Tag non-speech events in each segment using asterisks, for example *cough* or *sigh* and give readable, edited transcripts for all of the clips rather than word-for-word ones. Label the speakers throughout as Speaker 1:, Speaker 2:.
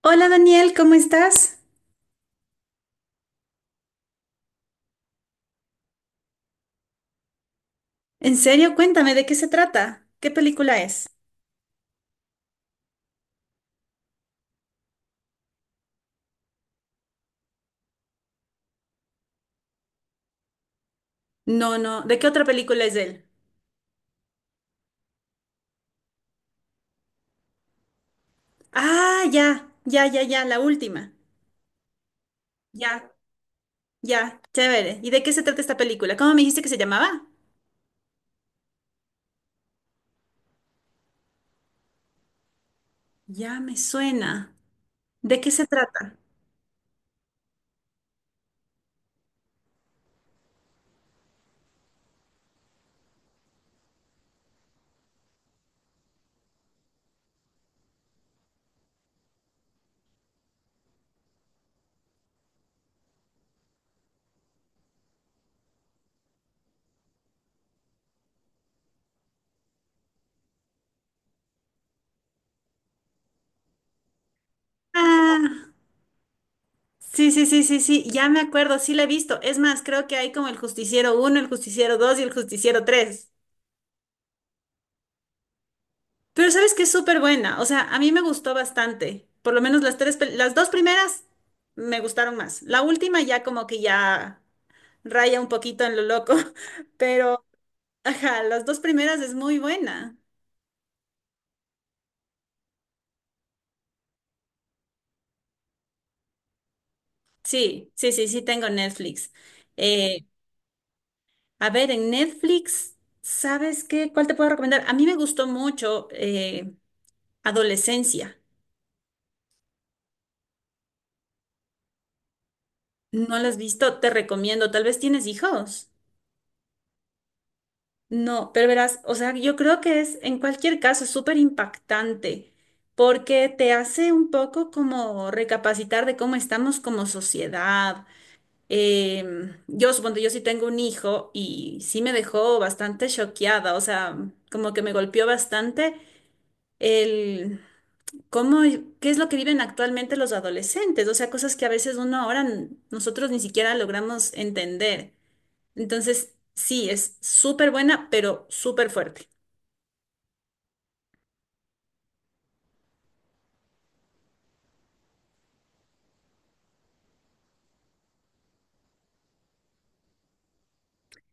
Speaker 1: Hola Daniel, ¿cómo estás? En serio, cuéntame, ¿de qué se trata? ¿Qué película es? No, no, ¿de qué otra película es él? Ah, ya, ya, ya, ya, la última. Ya, ya, chévere. ¿Y de qué se trata esta película? ¿Cómo me dijiste que se llamaba? Ya me suena. ¿De qué se trata? Ah, sí, sí, sí, sí, sí, ya me acuerdo, sí la he visto. Es más, creo que hay como el Justiciero uno, el Justiciero 2 y el Justiciero 3. Pero sabes que es súper buena, o sea, a mí me gustó bastante, por lo menos las tres, las dos primeras me gustaron más, la última ya como que ya raya un poquito en lo loco, *laughs* pero ajá, las dos primeras es muy buena. Sí, sí, sí, sí tengo Netflix. Eh, a ver, en Netflix, ¿sabes qué? ¿Cuál te puedo recomendar? A mí me gustó mucho Adolescencia, ¿no la has visto? Te recomiendo, tal vez tienes hijos. No, pero verás, o sea, yo creo que es en cualquier caso súper impactante porque te hace un poco como recapacitar de cómo estamos como sociedad. Yo supongo, yo sí tengo un hijo y sí me dejó bastante choqueada, o sea, como que me golpeó bastante el cómo, qué es lo que viven actualmente los adolescentes, o sea, cosas que a veces uno ahora nosotros ni siquiera logramos entender. Entonces, sí, es súper buena, pero súper fuerte.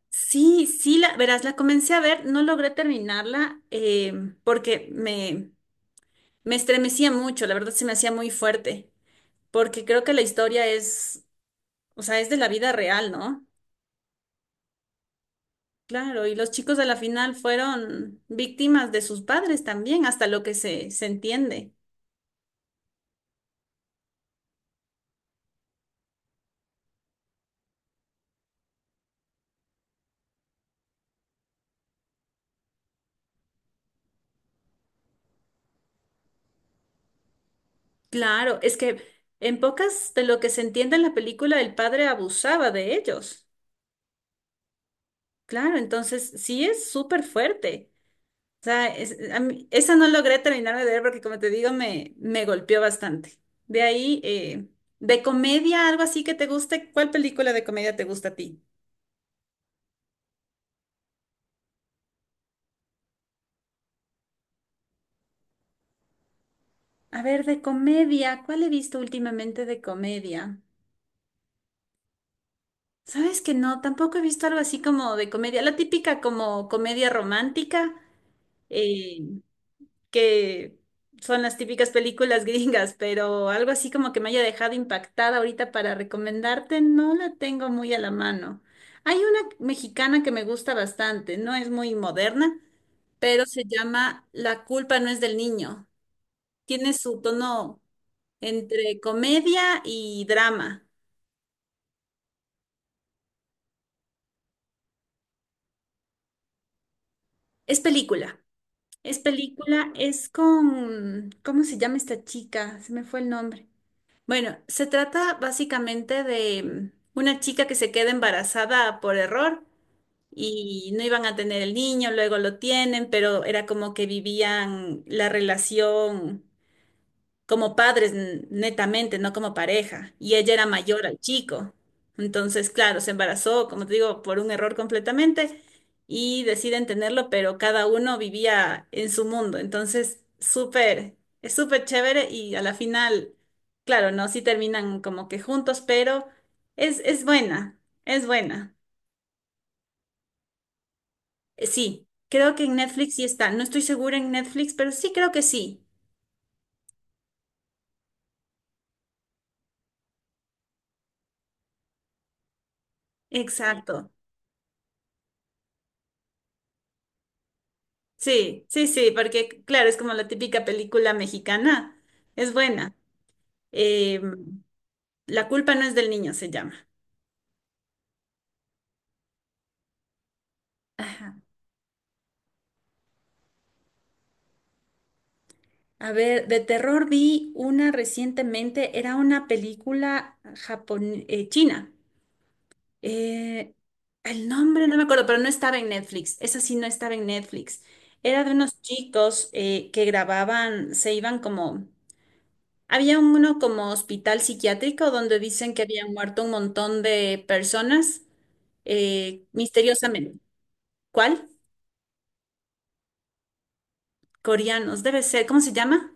Speaker 1: Sí, sí, la, verás, la comencé a ver, no logré terminarla, porque me estremecía mucho, la verdad se me hacía muy fuerte, porque creo que la historia es, o sea, es de la vida real, ¿no? Claro, y los chicos de la final fueron víctimas de sus padres también, hasta lo que se entiende. Claro, es que en pocas de lo que se entiende en la película, el padre abusaba de ellos. Claro, entonces sí es súper fuerte. O sea, a mí, esa no logré terminarme de ver porque, como te digo, me golpeó bastante. De ahí, de comedia, algo así que te guste, ¿cuál película de comedia te gusta a ti? A ver, de comedia, ¿cuál he visto últimamente de comedia? Sabes que no, tampoco he visto algo así como de comedia, la típica como comedia romántica. Que son las típicas películas *laughs* gringas, pero algo así como que me haya dejado impactada ahorita para recomendarte, no la tengo muy a la mano. Hay una mexicana que me gusta bastante, no es muy moderna, pero se llama La culpa no es del niño. Tiene su tono entre comedia y drama. Es película, es película, es con, ¿cómo se llama esta chica? Se me fue el nombre. Bueno, se trata básicamente de una chica que se queda embarazada por error y no iban a tener el niño, luego lo tienen, pero era como que vivían la relación como padres netamente, no como pareja. Y ella era mayor al chico. Entonces, claro, se embarazó, como te digo, por un error completamente y deciden tenerlo, pero cada uno vivía en su mundo. Entonces, súper, es súper chévere y a la final, claro, no, sí terminan como que juntos, pero es buena, es buena. Sí, creo que en Netflix sí está. No estoy segura en Netflix, pero sí creo que sí. Exacto. Sí, sí, sí, porque claro, es como la típica película mexicana. Es buena. Eh, La culpa no es del niño, se llama. Ajá. A ver, de terror vi una recientemente, era una película japon china. Eh, el nombre no me acuerdo, pero no estaba en Netflix. Esa sí no estaba en Netflix. Era de unos chicos que grababan, se iban como... Había uno como hospital psiquiátrico donde dicen que habían muerto un montón de personas misteriosamente. ¿Cuál? Coreanos, debe ser. ¿Cómo se llama?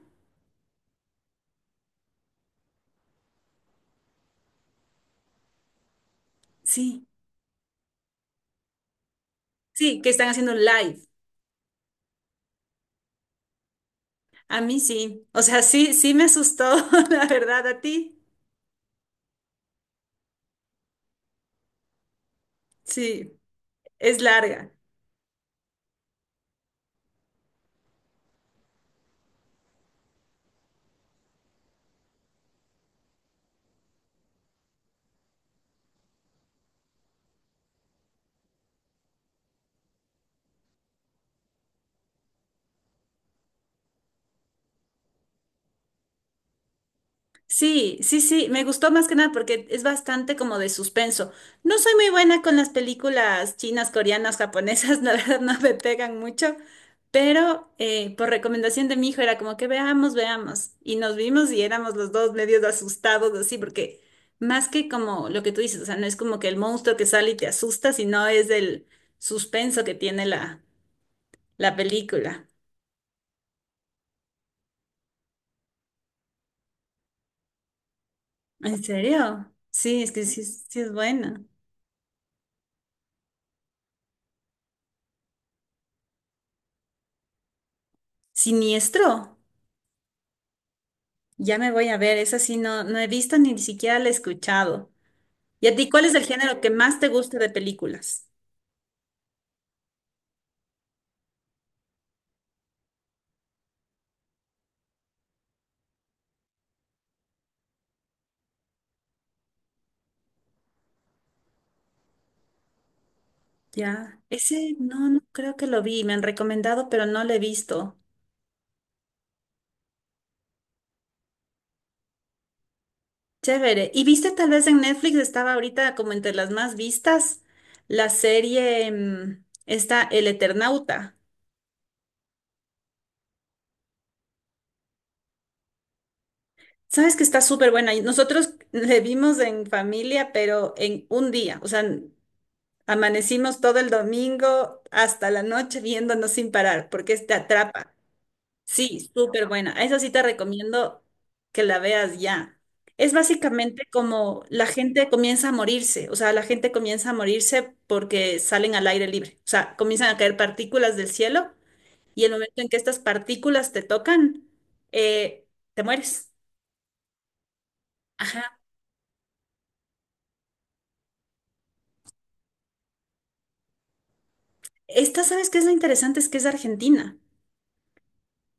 Speaker 1: Sí, sí, que están haciendo live. A mí sí. O sea, sí, sí me asustó, *laughs* la verdad, a ti. Sí, es larga. Sí, sí, sí, me gustó más que nada porque es bastante como de suspenso. No soy muy buena con las películas chinas, coreanas, japonesas, *laughs* la verdad no me pegan mucho, pero por recomendación de mi hijo era como que veamos, veamos. Y nos vimos y éramos los dos medios asustados así, porque más que como lo que tú dices, o sea, no es como que el monstruo que sale y te asusta, sino es el suspenso que tiene la, la película. ¿En serio? Sí, es que sí, sí es buena. ¿Siniestro? Ya me voy a ver, esa sí no, no he visto ni siquiera la he escuchado. ¿Y a ti cuál es el género que más te gusta de películas? Ya, ese no, no creo que lo vi, me han recomendado, pero no lo he visto. Chévere. ¿Y viste tal vez en Netflix estaba ahorita como entre las más vistas la serie esta El Eternauta? Sabes que está súper buena. Y nosotros *laughs* le vimos en familia, pero en un día, o sea, amanecimos todo el domingo hasta la noche viéndonos sin parar, porque te atrapa. Sí, súper buena. A esa sí te recomiendo que la veas ya. Es básicamente como la gente comienza a morirse, o sea, la gente comienza a morirse porque salen al aire libre, o sea, comienzan a caer partículas del cielo y el momento en que estas partículas te tocan, eh, te mueres. Ajá. Esta, ¿sabes qué es lo interesante? Es que es Argentina.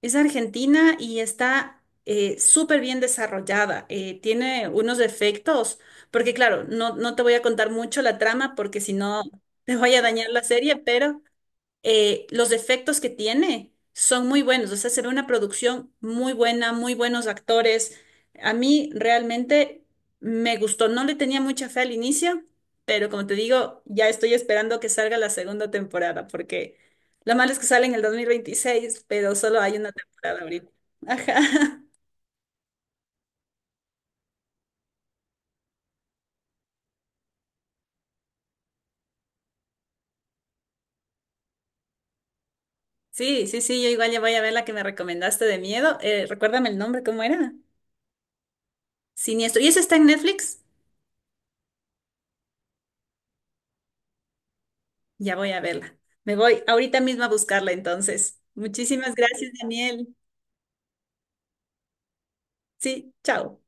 Speaker 1: Es argentina y está súper bien desarrollada. Tiene unos efectos, porque claro, no, no te voy a contar mucho la trama porque si no te voy a dañar la serie, pero los efectos que tiene son muy buenos. O sea, se ve una producción muy buena, muy buenos actores. A mí realmente me gustó. No le tenía mucha fe al inicio, pero como te digo, ya estoy esperando que salga la segunda temporada, porque lo malo es que sale en el 2026, pero solo hay una temporada ahorita. *laughs* Ajá. Sí, sí, sí, yo igual ya voy a ver la que me recomendaste de miedo. Recuérdame el nombre, ¿cómo era? Siniestro. ¿Y esa está en Netflix? Ya voy a verla. Me voy ahorita mismo a buscarla entonces. Muchísimas gracias, Daniel. Sí, chao.